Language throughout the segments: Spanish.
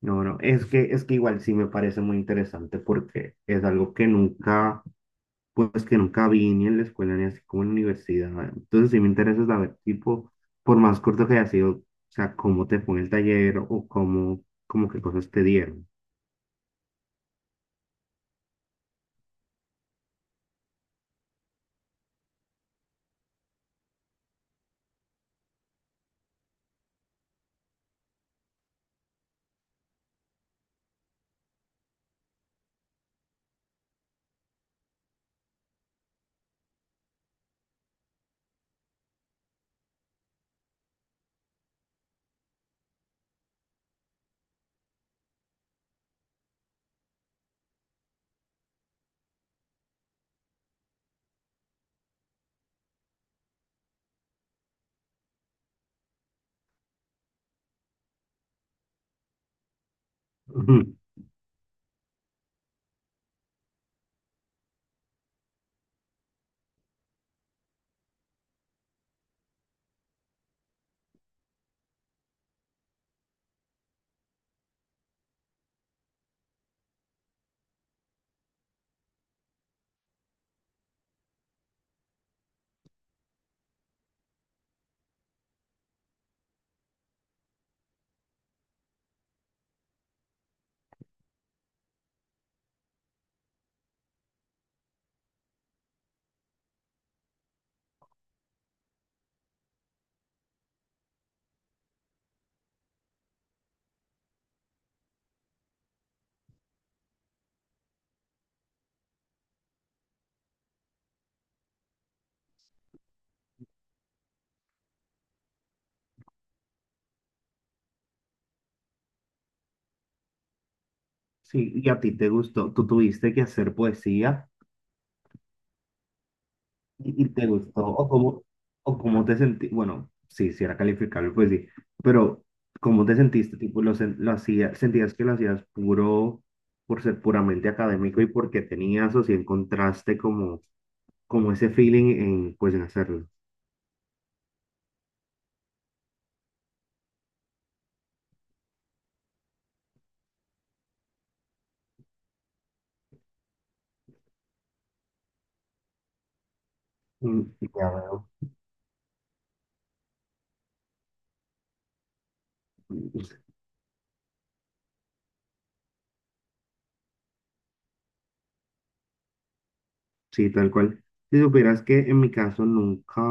No, no, es que igual sí me parece muy interesante porque es algo que nunca, pues que nunca vi ni en la escuela ni así como en la universidad. Entonces sí me interesa saber, tipo, por más corto que haya sido, o sea, cómo te fue en el taller como qué cosas te dieron. Ujú. Sí, ¿y a ti te gustó? ¿Tú tuviste que hacer poesía? Y te gustó, o cómo te sentí, bueno, sí, si era calificable, pues sí, pero cómo te sentiste, tipo, lo, sen- lo hacía- sentías que lo hacías puro, por ser puramente académico y porque tenías o si encontraste como ese feeling en, pues, en hacerlo. Mm, ya veo. Mm. Sí, tal cual. Si supieras que en mi caso nunca,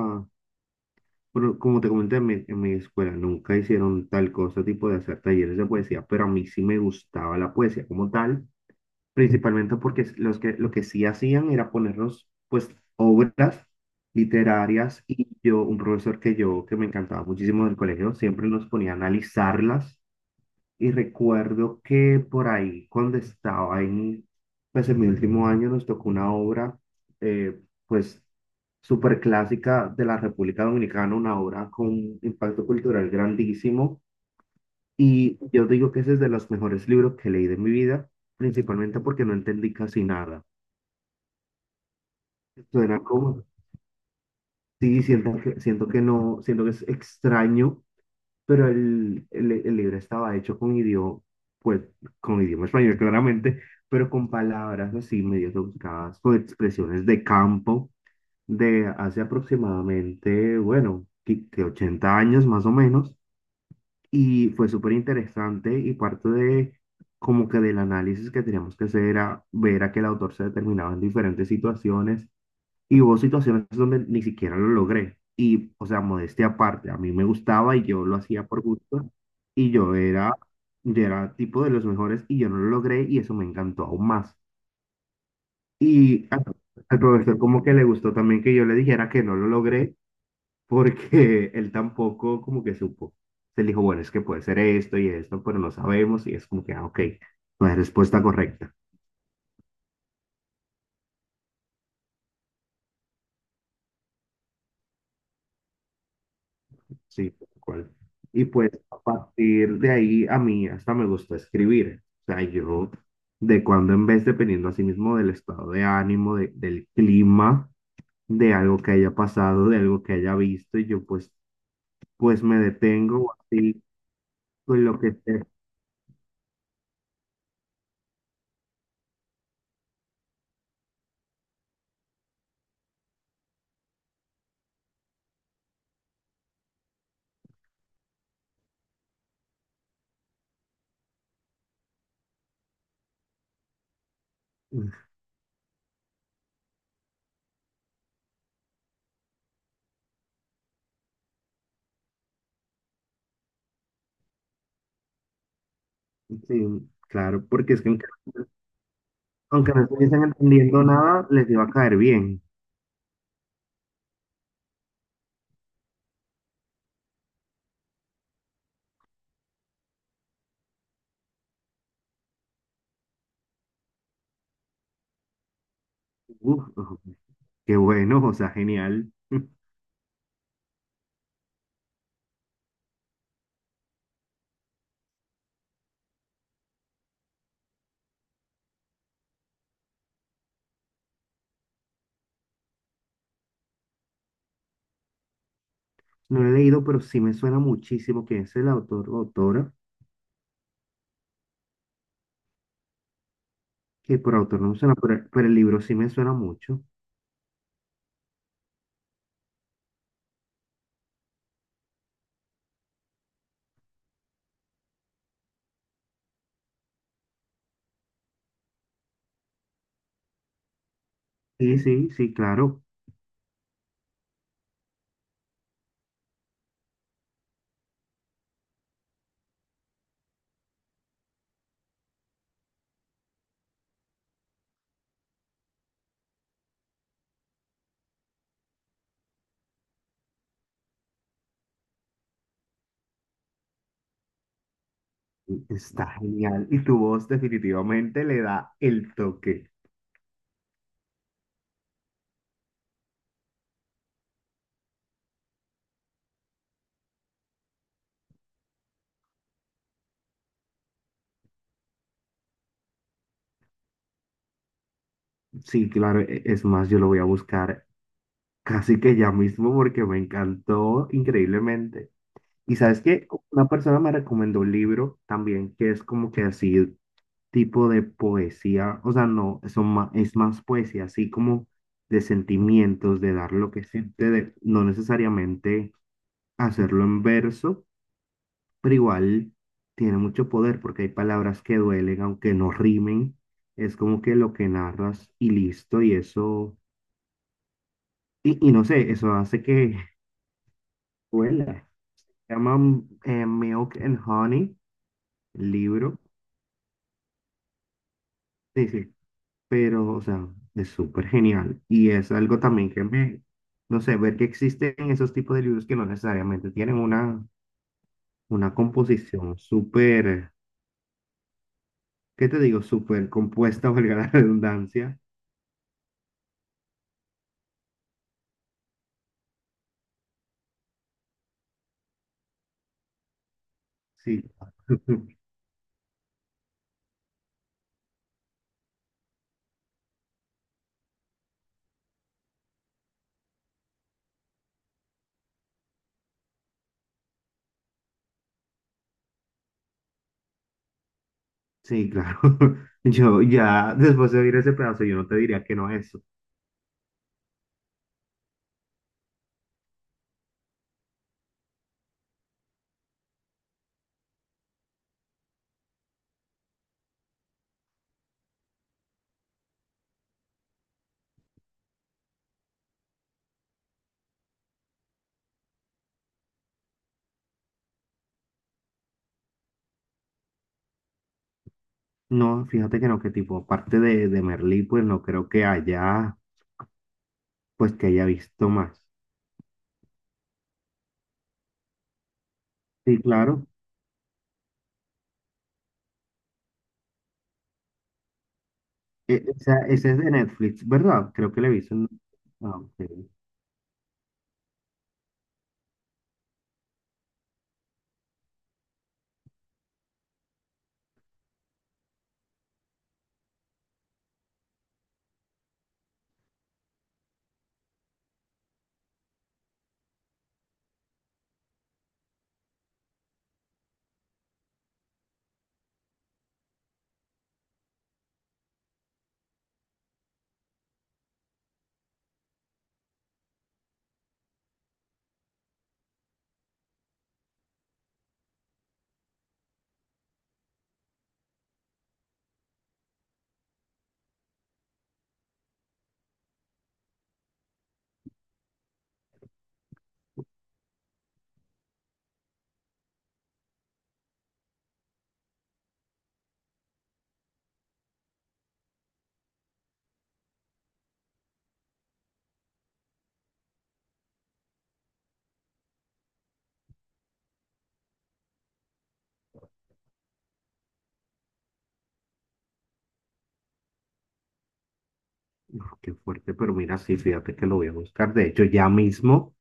bueno, como te comenté en mi escuela, nunca hicieron tal cosa, tipo de hacer talleres de poesía, pero a mí sí me gustaba la poesía como tal. Principalmente porque lo que sí hacían era ponernos, pues, obras literarias y yo, un profesor que me encantaba muchísimo del colegio, siempre nos ponía a analizarlas. Y recuerdo que por ahí, cuando estaba en, pues, en mi último año, nos tocó una obra, eh, pues, súper clásica de la República Dominicana, una obra con impacto cultural grandísimo. Y yo digo que ese es de los mejores libros que leí de mi vida, principalmente porque no entendí casi nada. Suena como, sí, siento que no, siento que es extraño, pero el libro estaba hecho pues, con idioma español claramente, pero con palabras así medio rebuscadas, con expresiones de campo de hace aproximadamente, bueno, que 80 años más o menos. Y fue súper interesante, y parte de como que del análisis que teníamos que hacer era ver a que el autor se determinaba en diferentes situaciones, y hubo situaciones donde ni siquiera lo logré. Y, o sea, modestia aparte, a mí me gustaba y yo lo hacía por gusto, y yo era tipo de los mejores y yo no lo logré y eso me encantó aún más. Y al profesor como que le gustó también que yo le dijera que no lo logré, porque él tampoco como que supo. Se dijo, bueno, es que puede ser esto y esto, pero no sabemos, y es como que, ah, ok, no es respuesta correcta. Sí, tal cual. Y pues a partir de ahí a mí hasta me gustó escribir. O sea, yo de cuando en vez, dependiendo así mismo del estado de ánimo, del clima, de algo que haya pasado, de algo que haya visto, y yo pues me detengo o así, con lo que te... Sí, claro, porque es que aunque no estuviesen entendiendo nada, les iba a caer bien. Uf, ujú, qué bueno, o sea, genial. No lo he leído, pero sí me suena muchísimo que es el autor o autora, que por autor no me suena, pero el libro sí me suena mucho. Sí, sí, sí, claro, está genial. Y tu voz definitivamente le da el toque. Sí, claro, es más, yo lo voy a buscar casi que ya mismo porque me encantó increíblemente. Y sabes que una persona me recomendó un libro también que es como que así tipo de poesía, o sea, no, es más poesía, así como de sentimientos, de dar lo que siente, de no necesariamente hacerlo en verso, pero igual tiene mucho poder porque hay palabras que duelen, aunque no rimen, es como que lo que narras y listo, y eso, y no sé, eso hace que duela. Se llama Milk and Honey, el libro. Sí, sí, pero, o sea, es súper genial. Y es algo también que me, no sé, ver que existen esos tipos de libros que no necesariamente tienen una composición súper, ¿qué te digo? Súper compuesta, valga la redundancia. Sí, sí, claro. Yo ya, después de oír ese pedazo, yo no te diría que no es eso. No, fíjate que no, que tipo, aparte de Merlí, pues no creo que haya, pues que haya visto más. Sí, claro. Esa es de Netflix, ¿verdad? Creo que la he visto en... Ah, ok. Uf, qué fuerte, pero mira, sí, fíjate que lo voy a buscar. De hecho, ya mismo,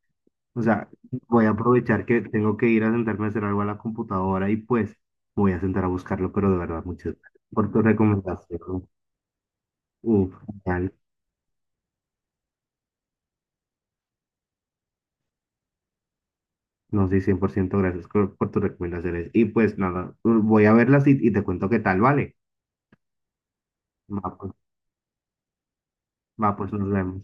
o sea, voy a aprovechar que tengo que ir a sentarme a hacer algo a la computadora y pues voy a sentar a buscarlo, pero de verdad, muchas gracias por tu recomendación. Uf, genial. No sé, 100% gracias por tus recomendaciones. Y pues nada, voy a verlas y te cuento qué tal, ¿vale? Va, pues, va, pues nos vemos.